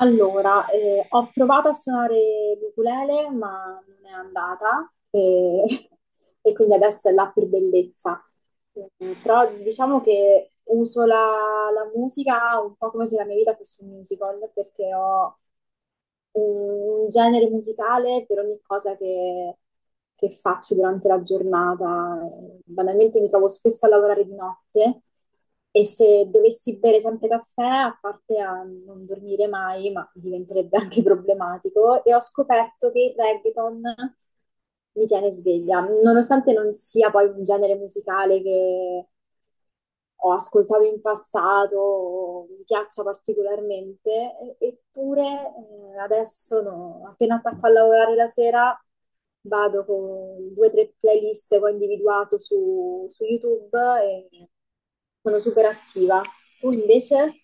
Allora, ho provato a suonare l'ukulele, ma non è andata e, e quindi adesso è là per bellezza. Però diciamo che uso la musica un po' come se la mia vita fosse un musical, perché ho un genere musicale per ogni cosa che faccio durante la giornata. Banalmente mi trovo spesso a lavorare di notte e se dovessi bere sempre caffè, a parte a non dormire mai, ma diventerebbe anche problematico, e ho scoperto che il reggaeton mi tiene sveglia, nonostante non sia poi un genere musicale che ho ascoltato in passato, o mi piaccia particolarmente, eppure adesso no. Appena attacco a lavorare la sera vado con due o tre playlist che ho individuato su YouTube e sono super attiva. Tu invece?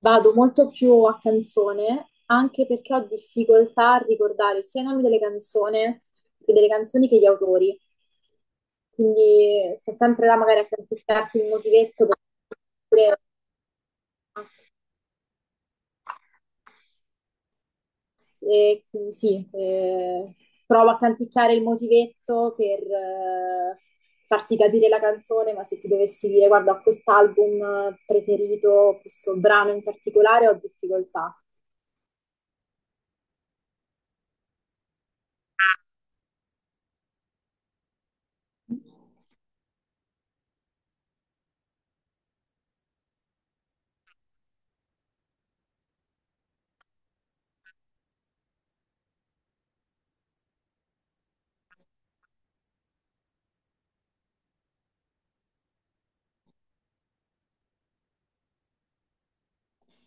Vado molto più a canzone, anche perché ho difficoltà a ricordare sia i nomi delle canzoni che gli autori. Quindi sto sempre là magari a canticchiarti il motivetto per dire, eh, sì, provo a canticchiare il motivetto per farti capire la canzone, ma se ti dovessi dire guarda, ho quest'album preferito, questo brano in particolare, ho difficoltà.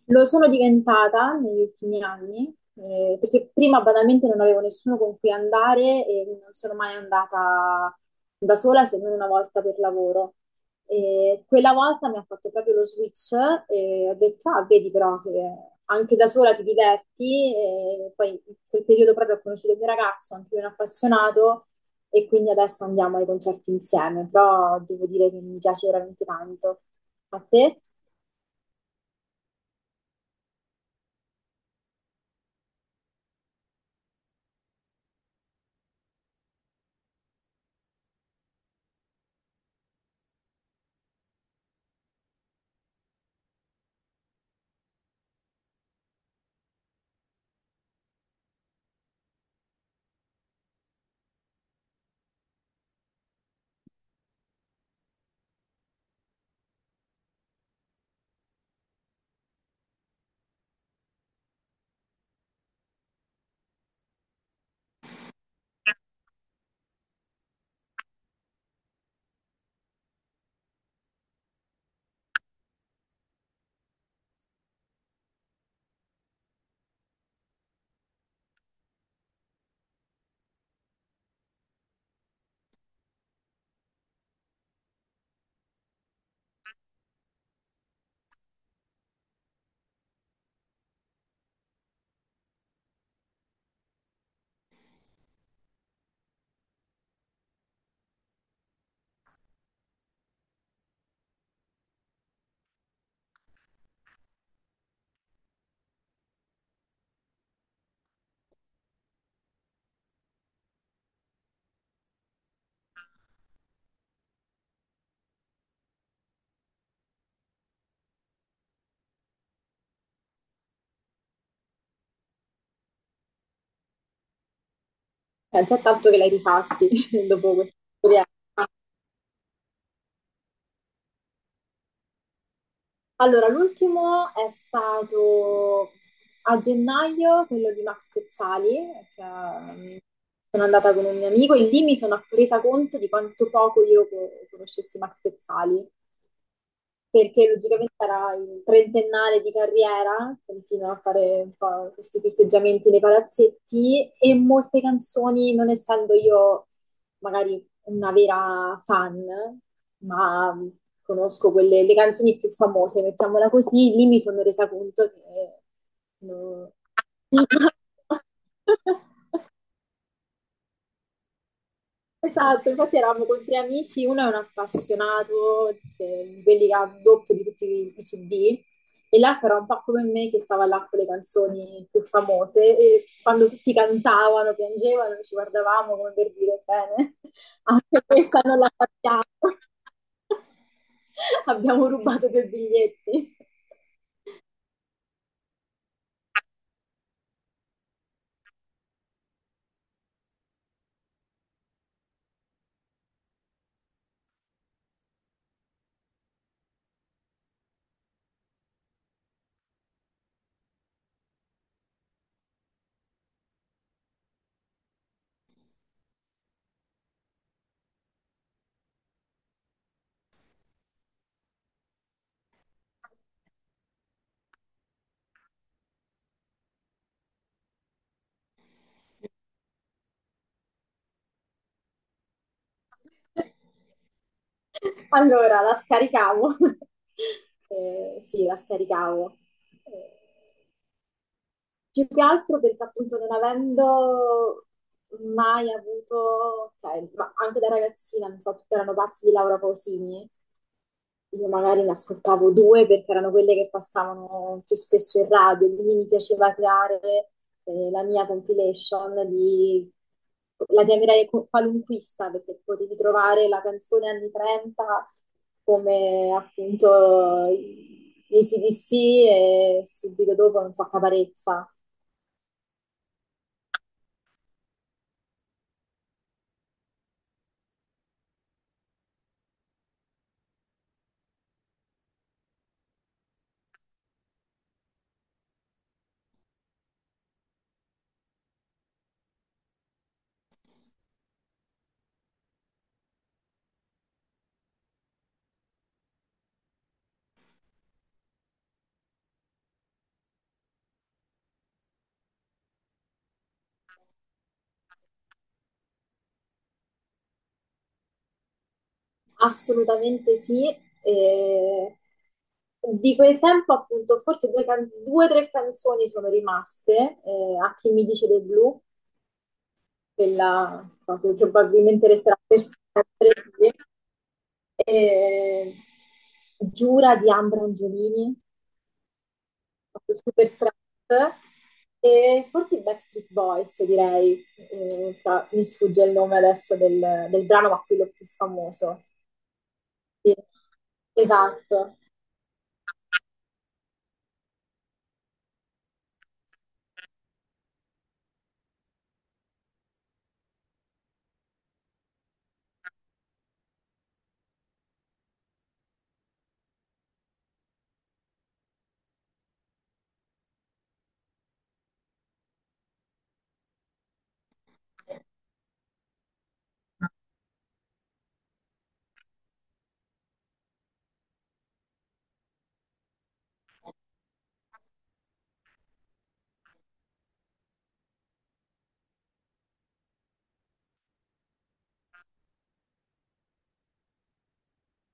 Lo sono diventata negli ultimi anni, perché prima banalmente non avevo nessuno con cui andare e non sono mai andata da sola se non una volta per lavoro. E quella volta mi ha fatto proprio lo switch e ho detto, ah, vedi però che anche da sola ti diverti. E poi in quel periodo proprio ho conosciuto il mio ragazzo, anche lui è un appassionato, e quindi adesso andiamo ai concerti insieme, però devo dire che mi piace veramente tanto. A te? È già tanto che l'hai rifatti dopo questa storia. Allora, l'ultimo è stato a gennaio, quello di Max Pezzali, che sono andata con un mio amico e lì mi sono resa conto di quanto poco io conoscessi Max Pezzali. Perché logicamente era il trentennale di carriera, continua a fare un po' questi festeggiamenti nei palazzetti e molte canzoni, non essendo io magari una vera fan, ma conosco quelle, le canzoni più famose, mettiamola così, lì mi sono resa conto che... no. Esatto, infatti eravamo con tre amici, uno è un appassionato, di quelli che ha il doppio di tutti i CD, e l'altro era un po' come me che stava là con le canzoni più famose e quando tutti cantavano, piangevano, ci guardavamo come per dire, bene, anche questa non la facciamo, abbiamo rubato due biglietti. Allora, la scaricavo. Sì, la scaricavo. Eh, Più che altro perché appunto non avendo mai avuto, cioè, ma anche da ragazzina, non so, tutti erano pazzi di Laura Pausini, io magari ne ascoltavo due perché erano quelle che passavano più spesso in radio, quindi mi piaceva creare la mia compilation di... La chiamerei qualunquista perché potevi trovare la canzone anni 30 come appunto i CDC e subito dopo, non so, Caparezza. Assolutamente sì. E di quel tempo, appunto, forse due, due o tre canzoni sono rimaste. Eh, a chi mi dice del blu, quella proprio probabilmente resterà per sempre. E Giura di Ambra Angiolini, proprio super trap. E forse i Backstreet Boys, direi. Mi sfugge il nome adesso del brano, ma quello più famoso. Sì. Esatto.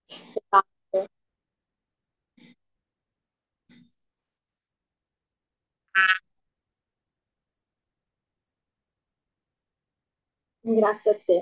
Esatto. Grazie a te.